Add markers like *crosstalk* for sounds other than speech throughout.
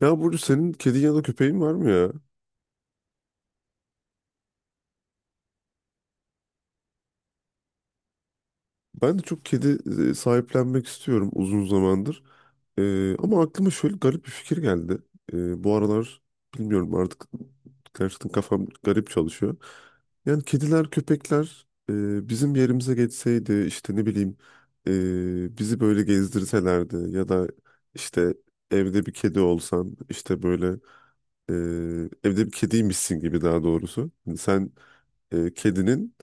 Ya burada senin kedin ya da köpeğin var mı ya? Ben de çok kedi sahiplenmek istiyorum uzun zamandır. Ama aklıma şöyle garip bir fikir geldi. Bu aralar bilmiyorum artık gerçekten kafam garip çalışıyor. Yani kediler, köpekler bizim yerimize geçseydi işte ne bileyim bizi böyle gezdirselerdi ya da işte evde bir kedi olsan işte böyle e, evde bir kediymişsin gibi daha doğrusu. Yani sen kedinin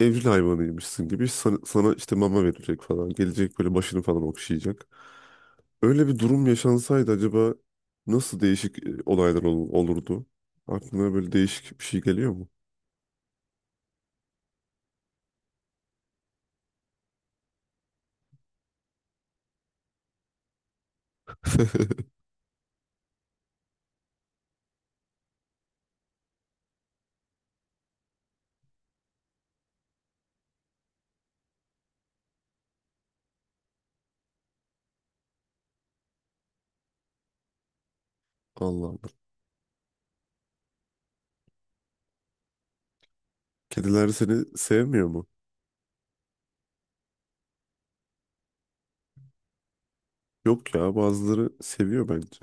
evcil hayvanıymışsın gibi sana işte mama verecek falan. Gelecek böyle başını falan okşayacak. Öyle bir durum yaşansaydı acaba nasıl değişik olaylar olurdu? Aklına böyle değişik bir şey geliyor mu? *laughs* Allah Allah. Kediler seni sevmiyor mu? Yok ya bazıları seviyor bence.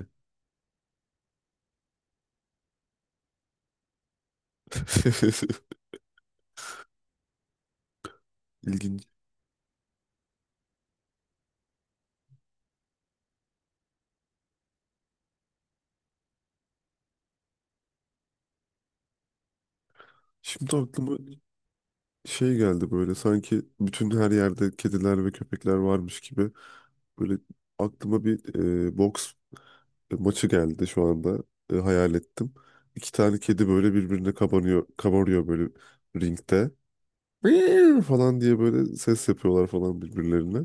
*laughs* İlginç. Şimdi aklıma şey geldi böyle sanki bütün her yerde kediler ve köpekler varmış gibi. Böyle aklıma bir boks maçı geldi şu anda. Hayal ettim. İki tane kedi böyle birbirine kabarıyor böyle ringde. "Meow" falan diye böyle ses yapıyorlar falan birbirlerine.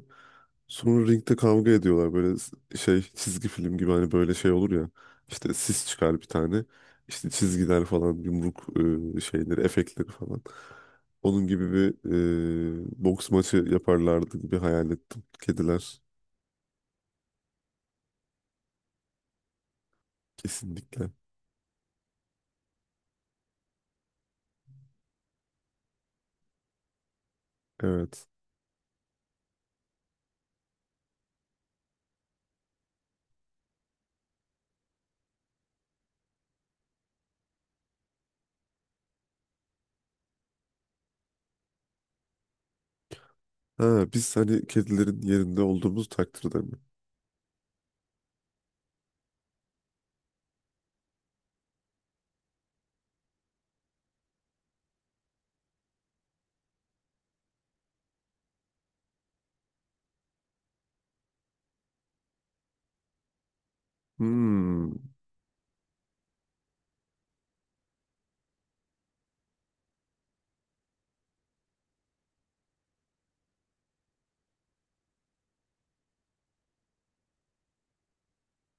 Sonra ringde kavga ediyorlar böyle şey çizgi film gibi hani böyle şey olur ya. İşte sis çıkar bir tane. İşte çizgiler falan yumruk şeyleri efektleri falan. Onun gibi bir boks maçı yaparlardı gibi hayal ettim. Kediler kesinlikle. Evet. Ha, biz hani kedilerin yerinde olduğumuz takdirde mi? Hmm.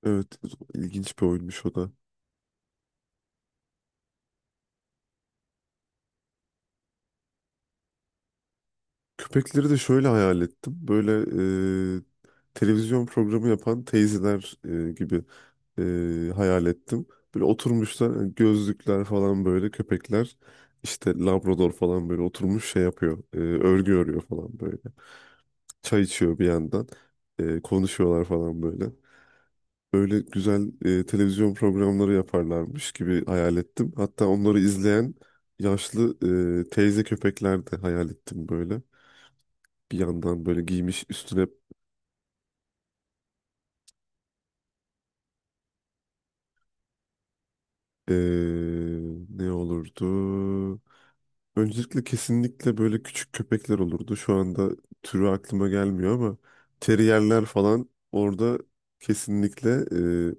Evet, ilginç bir oyunmuş o da. Köpekleri de şöyle hayal ettim. Böyle e, televizyon programı yapan teyzeler gibi hayal ettim. Böyle oturmuşlar, yani gözlükler falan böyle köpekler. İşte Labrador falan böyle oturmuş şey yapıyor. Örgü örüyor falan böyle. Çay içiyor bir yandan. Konuşuyorlar falan böyle. Böyle güzel televizyon programları yaparlarmış gibi hayal ettim. Hatta onları izleyen yaşlı teyze köpekler de hayal ettim böyle. Bir yandan böyle giymiş üstüne e, ne olurdu? Öncelikle kesinlikle böyle küçük köpekler olurdu. Şu anda türü aklıma gelmiyor ama teriyerler falan orada kesinlikle e,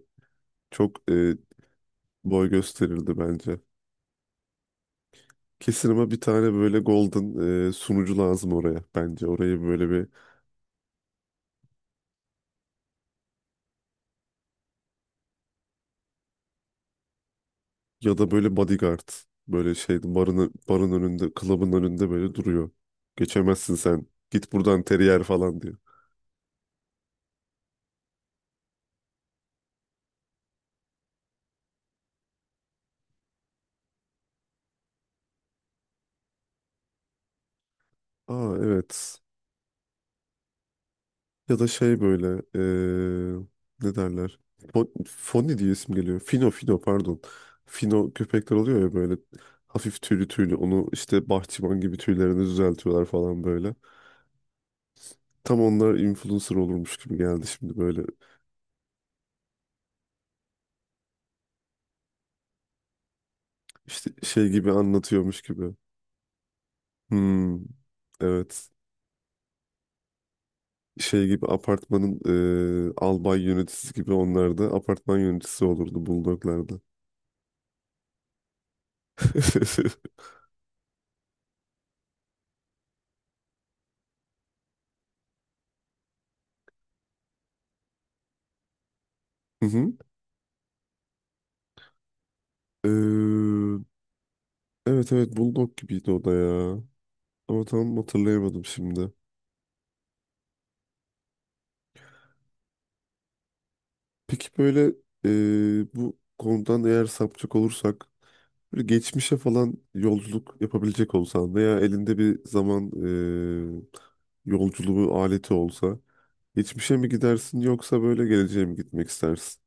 çok boy gösterirdi bence. Kesin ama bir tane böyle golden sunucu lazım oraya bence. Orayı böyle bir ya da böyle bodyguard böyle şeydi barın önünde, klubun önünde böyle duruyor. Geçemezsin sen. Git buradan teriyer falan diyor. Aa evet. Ya da şey böyle eee, ne derler? Foni diye isim geliyor. Fino Fino, pardon. Fino köpekler oluyor ya böyle hafif tüylü tüylü. Onu işte bahçıvan gibi tüylerini düzeltiyorlar falan böyle. Tam onlar influencer olurmuş gibi geldi şimdi böyle. İşte şey gibi anlatıyormuş gibi. Hmm, evet. Şey gibi apartmanın albay yöneticisi gibi onlar da apartman yöneticisi olurdu bulldoglarda. *laughs* Hı hı. Evet evet Bulldog gibiydi o da ya. Ama tam hatırlayamadım şimdi. Peki böyle bu konudan eğer sapacak olursak böyle geçmişe falan yolculuk yapabilecek olsan veya elinde bir zaman yolculuğu aleti olsa geçmişe mi gidersin yoksa böyle geleceğe mi gitmek istersin?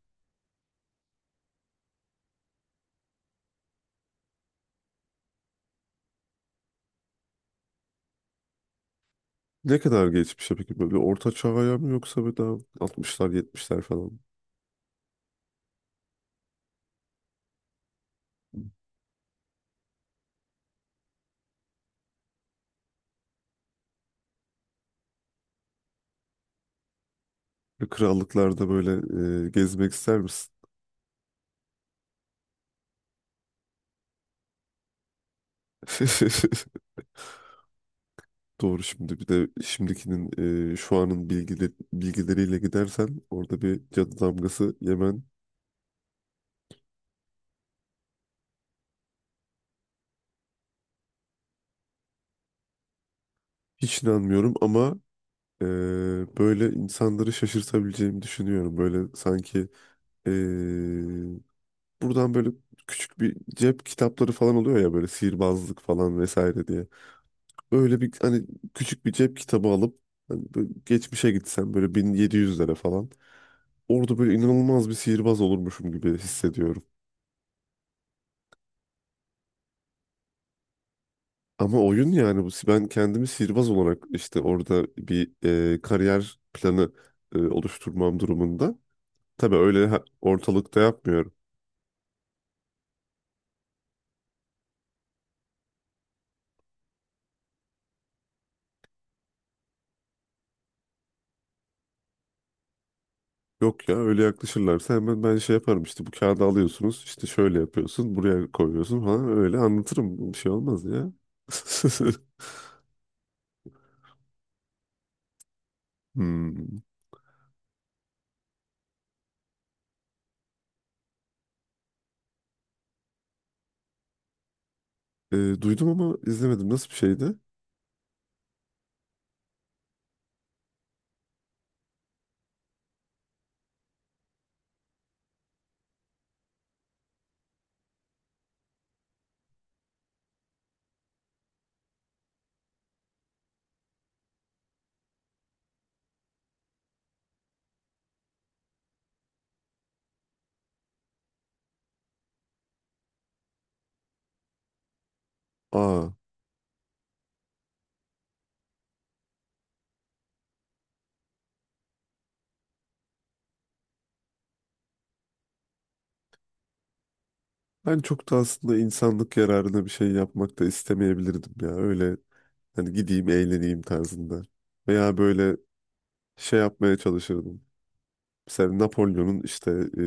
Ne kadar geçmişe peki böyle orta çağ'a mı yoksa böyle daha 60'lar 70'ler falan? Böyle krallıklarda böyle gezmek ister misin? *laughs* Doğru, şimdi bir de şimdikinin şu anın bilgileriyle gidersen orada bir cadı damgası yemen hiç inanmıyorum ama e, böyle insanları şaşırtabileceğimi düşünüyorum. Böyle sanki e, buradan böyle küçük bir cep kitapları falan oluyor ya böyle sihirbazlık falan vesaire diye. Öyle bir hani küçük bir cep kitabı alıp hani böyle geçmişe gitsem böyle 1700'lere falan orada böyle inanılmaz bir sihirbaz olurmuşum gibi hissediyorum. Ama oyun yani bu. Ben kendimi sihirbaz olarak işte orada bir kariyer planı oluşturmam durumunda. Tabii öyle ortalıkta yapmıyorum. Yok ya öyle yaklaşırlarsa hemen ben şey yaparım işte bu kağıdı alıyorsunuz işte şöyle yapıyorsun buraya koyuyorsun falan öyle anlatırım bir şey olmaz ya. *laughs* Hmm. E, Duydum ama izlemedim, nasıl bir şeydi? Aa, ben çok da aslında insanlık yararına bir şey yapmak da istemeyebilirdim ya, öyle hani gideyim eğleneyim tarzında. Veya böyle şey yapmaya çalışırdım. Mesela Napolyon'un işte e,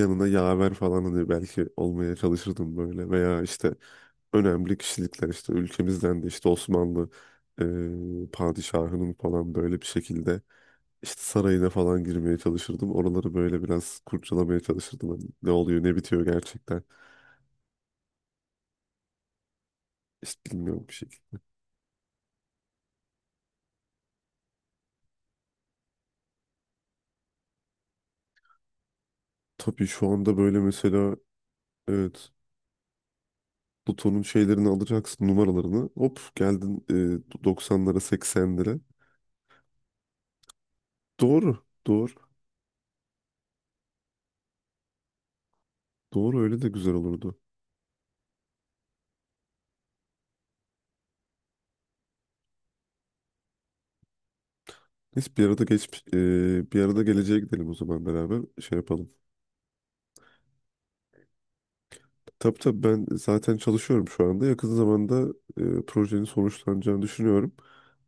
yanına yaver falan hani belki olmaya çalışırdım böyle veya işte önemli kişilikler işte ülkemizden de işte Osmanlı padişahının falan böyle bir şekilde işte sarayına falan girmeye çalışırdım. Oraları böyle biraz kurcalamaya çalışırdım. Hani ne oluyor ne bitiyor gerçekten işte bilmiyorum bir şekilde. Tabii şu anda böyle mesela evet, Pluto'nun şeylerini alacaksın, numaralarını hop geldin 90'lara 80'lere. Doğru. Doğru. Doğru, öyle de güzel olurdu. Neyse bir arada geleceğe gidelim o zaman, beraber şey yapalım. Tabii tabii, ben zaten çalışıyorum şu anda. Yakın zamanda projenin sonuçlanacağını düşünüyorum.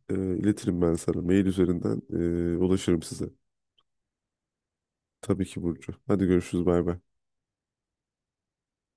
İletirim ben sana. Mail üzerinden ulaşırım size. Tabii ki Burcu. Hadi görüşürüz, bay bay.